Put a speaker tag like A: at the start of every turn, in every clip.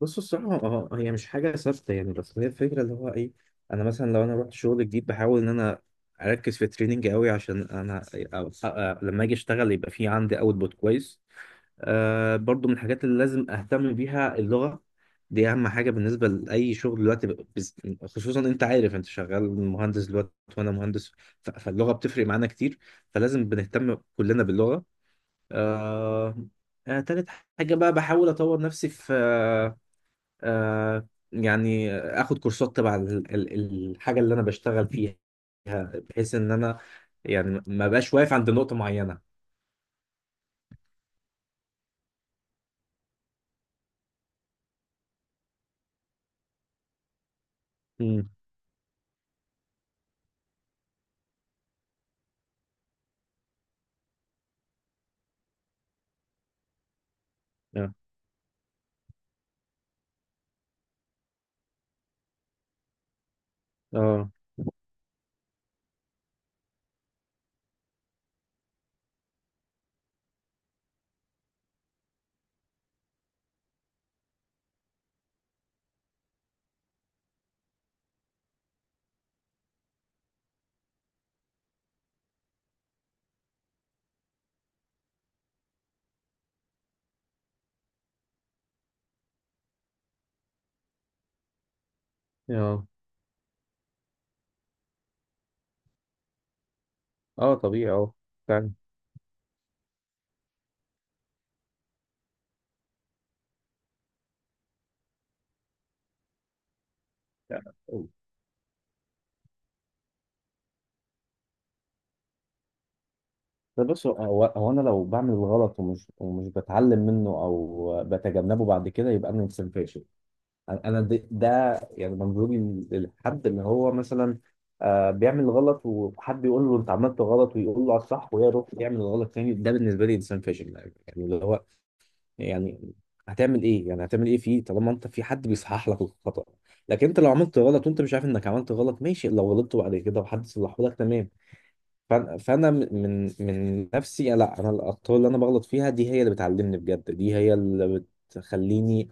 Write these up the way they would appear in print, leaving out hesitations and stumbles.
A: بص الصراحة، هي مش حاجة ثابتة، يعني بس هي الفكرة اللي هو ايه. انا مثلا لو انا رحت شغل جديد بحاول ان انا اركز في التريننج قوي، عشان انا لما اجي اشتغل يبقى في عندي اوتبوت كويس. برضو من الحاجات اللي لازم اهتم بيها اللغة. دي اهم حاجة بالنسبة لاي شغل دلوقتي خصوصا انت عارف انت شغال مهندس دلوقتي وانا مهندس. فاللغة بتفرق معانا كتير، فلازم بنهتم كلنا باللغة. آه تالت حاجة بقى بحاول أطور نفسي في، يعني اخد كورسات تبع الحاجه اللي انا بشتغل فيها، بحيث ان انا يعني ما بقاش واقف عند نقطه معينه. امم، اه اه اه، آه، طبيعي اه، فعلا. ده بص، هو انا لو بعمل الغلط ومش بتعلم منه او بتجنبه بعد كده يبقى انا انسان فاشل. انا ده يعني منظوري، للحد اللي هو مثلا بيعمل غلط وحد يقول له انت عملت غلط ويقول له على الصح ويروح يعمل غلط تاني. ده بالنسبه لي انسان فاشل. يعني اللي هو، يعني هتعمل ايه، يعني هتعمل ايه فيه طالما انت في حد بيصحح لك الخطأ؟ لكن انت لو عملت غلط وانت مش عارف انك عملت غلط ماشي، لو غلطت بعد كده وحد صلحه لك تمام. فأنا من نفسي لا، انا الاخطاء اللي انا بغلط فيها دي هي اللي بتعلمني بجد، دي هي اللي بتخليني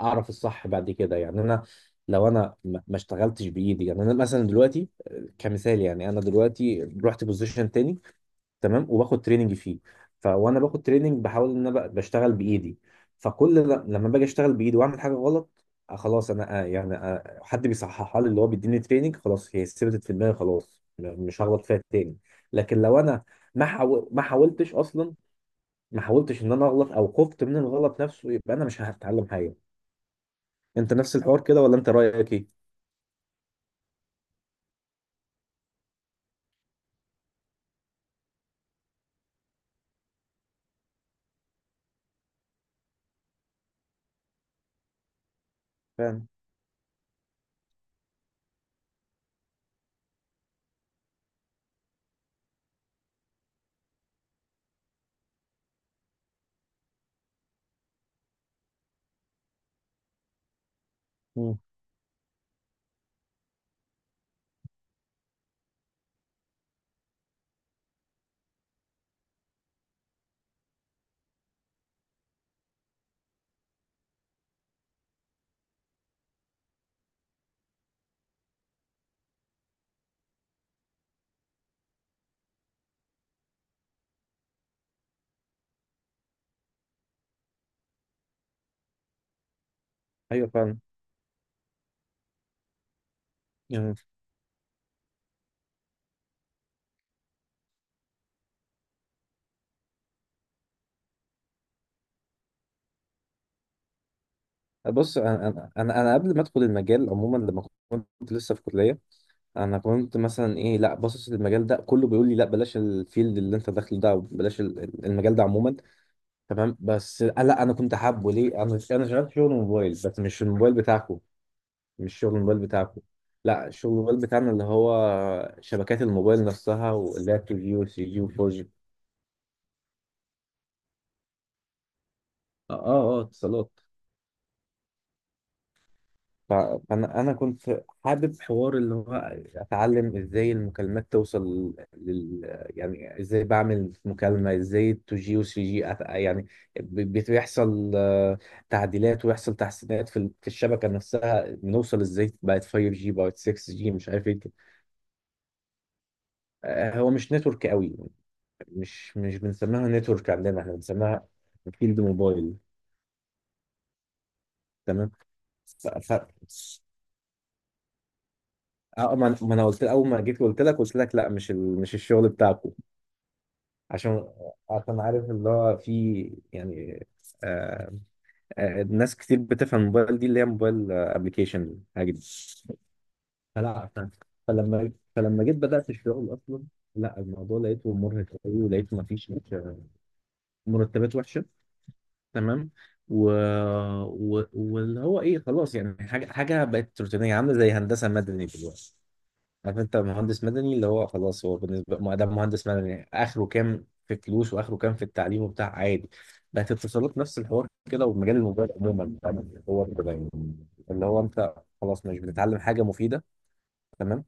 A: اعرف الصح بعد كده. يعني انا لو انا ما اشتغلتش بايدي، يعني انا مثلا دلوقتي كمثال، يعني انا دلوقتي رحت بوزيشن تاني تمام وباخد تريننج فيه. فوانا باخد تريننج بحاول ان انا بشتغل بايدي، فكل لما باجي اشتغل بايدي واعمل حاجه غلط، خلاص انا، حد بيصححها لي، اللي هو بيديني تريننج، خلاص هي ثبتت في دماغي، خلاص مش هغلط فيها تاني. لكن لو انا ما حاولتش اصلا، ما حاولتش ان انا اغلط او خفت من الغلط نفسه، يبقى انا مش هتعلم حاجه. انت نفس الحوار كده ولا انت رايك ايه؟ فعلا، مم، ايوه فعلا. يعني بص، انا انا انا أنا قبل ما ادخل المجال عموما، لما كنت لسه في كليه انا كنت مثلا ايه، لا، باصص للمجال ده كله بيقول لي لا بلاش الفيلد اللي انت داخله ده، بلاش المجال ده عموما. تمام، بس لا انا كنت حابه ليه؟ انا انا شغال شغل موبايل، بس مش الموبايل بتاعكم، مش شغل الموبايل بتاعكم. لا، شغل الموبايل بتاعنا اللي هو شبكات الموبايل نفسها واللي هي 2G و 3G و 4G. اه اه آه، اتصالات. ف- فانا كنت حابب حوار اللي هو اتعلم ازاي المكالمات توصل لل، يعني ازاي بعمل مكالمه، ازاي 2G و 3G يعني بيحصل تعديلات ويحصل تحسينات في في الشبكه نفسها، بنوصل ازاي بقت 5G بقت 6G مش عارف ايه كده. هو مش نتورك قوي، مش بنسميها نتورك عندنا، احنا بنسميها فيلد موبايل. تمام. ف... ف... اه، ما انا قلت اول ما جيت، قلت لك لا مش مش الشغل بتاعكم، عشان عارف اللي هو في يعني آه ناس كتير بتفهم الموبايل دي اللي هي موبايل ابلكيشن حاجه دي. فلا ف- فلما جيت بدات الشغل اصلا، لا، الموضوع لقيته مرهق قوي ولقيته ما فيش مرتبات وحشه تمام. و... واللي هو ايه، خلاص يعني حاجه بقت روتينيه، عامله زي هندسه مدني دلوقتي. عارف انت مهندس مدني اللي هو خلاص هو بالنسبه ما ده مهندس مدني اخره كام في فلوس واخره كام في التعليم وبتاع عادي. بقت اتصالات نفس الحوار كده، ومجال الموبايل عموما، فاهم؟ هو كده يعني اللي هو انت خلاص مش بتتعلم حاجه مفيده. تمام.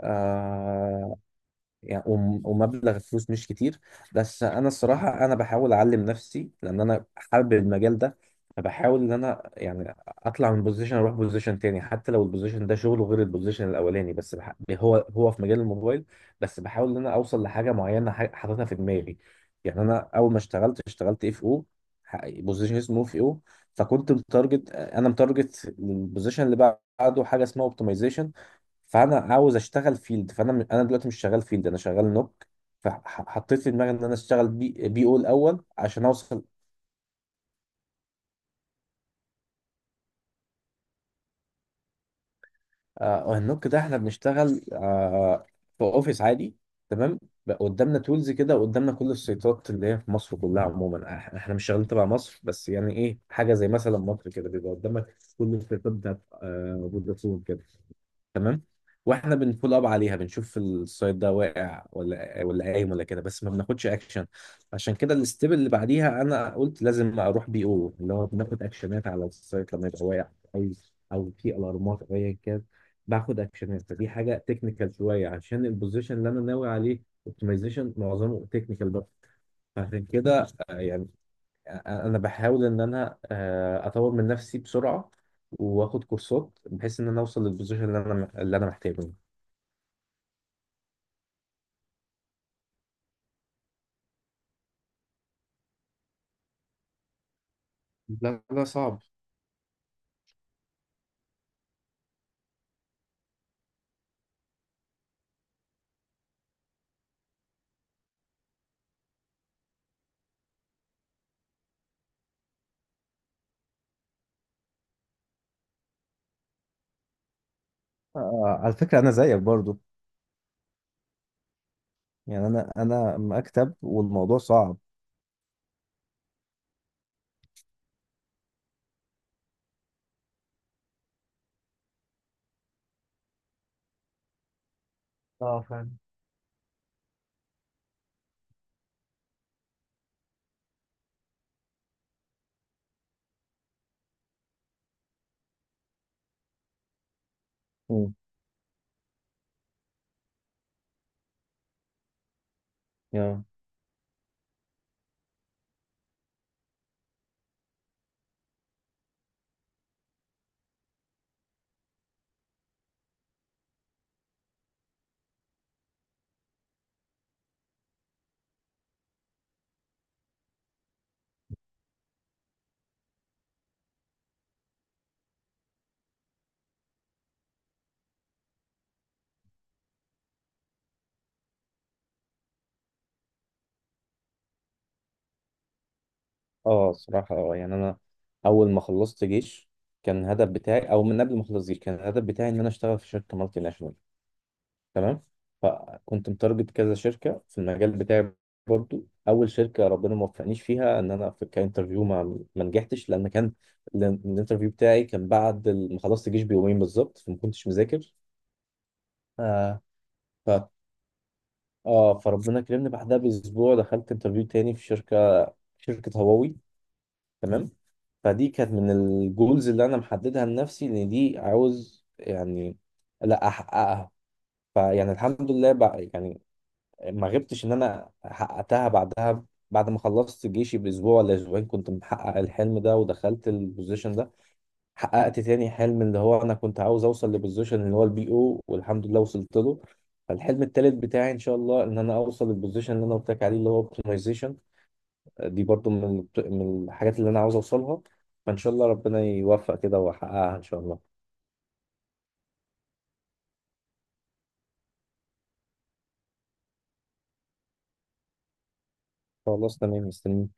A: آه يعني ومبلغ الفلوس مش كتير. بس انا الصراحه انا بحاول اعلم نفسي لان انا حابب المجال ده. فبحاول ان انا يعني اطلع من بوزيشن اروح بوزيشن تاني، حتى لو البوزيشن ده شغله غير البوزيشن الاولاني، بس هو في مجال الموبايل، بس بحاول ان انا اوصل لحاجه معينه حاططها في دماغي. يعني انا اول ما اشتغلت، اشتغلت اف او، بوزيشن اسمه اف او. فكنت متارجت، انا متارجت البوزيشن اللي بعده حاجه اسمها اوبتمايزيشن. فانا عاوز اشتغل فيلد، فانا انا دلوقتي مش شغال فيلد، انا شغال نوك. فحطيت في دماغي ان انا اشتغل بي او الاول عشان اوصل. النوك ده احنا بنشتغل في اوفيس عادي. تمام. بقى قدامنا تولز كده، وقدامنا كل السيطات اللي هي في مصر كلها عموما، احنا مش شغالين تبع مصر بس، يعني ايه حاجه زي مثلا مصر كده بيبقى قدامك كل السيطات بتاعت فودافون كده. تمام. واحنا بنفول اب عليها بنشوف السايت ده واقع ولا قايم ولا كده، بس ما بناخدش اكشن. عشان كده الستيب اللي بعديها انا قلت لازم اروح بي او، اللي هو بناخد اكشنات على السايت لما يبقى واقع، او او في الارمات او ايا كان، باخد اكشنات. فدي حاجه تكنيكال شويه، عشان البوزيشن اللي انا ناوي عليه اوبتمايزيشن معظمه تكنيكال بقى. فعشان كده يعني انا بحاول ان انا اطور من نفسي بسرعه، واخد كورسات بحيث ان انا اوصل للبوزيشن اللي انا محتاجه. ده صعب. على فكرة أنا زيك برضو، يعني أنا مكتب والموضوع صعب. اه فعلا، مم، يا. اه صراحه، يعني انا اول ما خلصت جيش كان الهدف بتاعي، او من قبل ما اخلص جيش كان الهدف بتاعي ان انا اشتغل في شركه مالتي ناشونال. تمام. فكنت متارجت كذا شركه في المجال بتاعي. برضو اول شركه ربنا ما وفقنيش فيها، ان انا في كانترفيو ما نجحتش، لان كان، لأن الانترفيو بتاعي كان بعد ما خلصت الجيش بيومين بالظبط، فما كنتش مذاكر. آه ف اه فربنا كرمني بعدها باسبوع، دخلت انترفيو تاني في شركه، شركه هواوي. تمام. فدي كانت من الجولز اللي انا محددها لنفسي ان دي عاوز يعني لا احققها. فيعني الحمد لله بقى يعني، ما غبتش ان انا حققتها بعدها. بعد ما خلصت جيشي باسبوع ولا اسبوعين كنت محقق الحلم ده ودخلت البوزيشن ده. حققت تاني حلم اللي هو انا كنت عاوز اوصل لبوزيشن اللي هو البي او، والحمد لله وصلت له. فالحلم التالت بتاعي ان شاء الله ان انا اوصل للبوزيشن اللي انا قلت لك عليه اللي هو اوبتمايزيشن. دي برضو من من الحاجات اللي انا عاوز اوصلها. فان شاء الله ربنا يوفق كده واحققها ان شاء الله. خلاص تمام، مستني.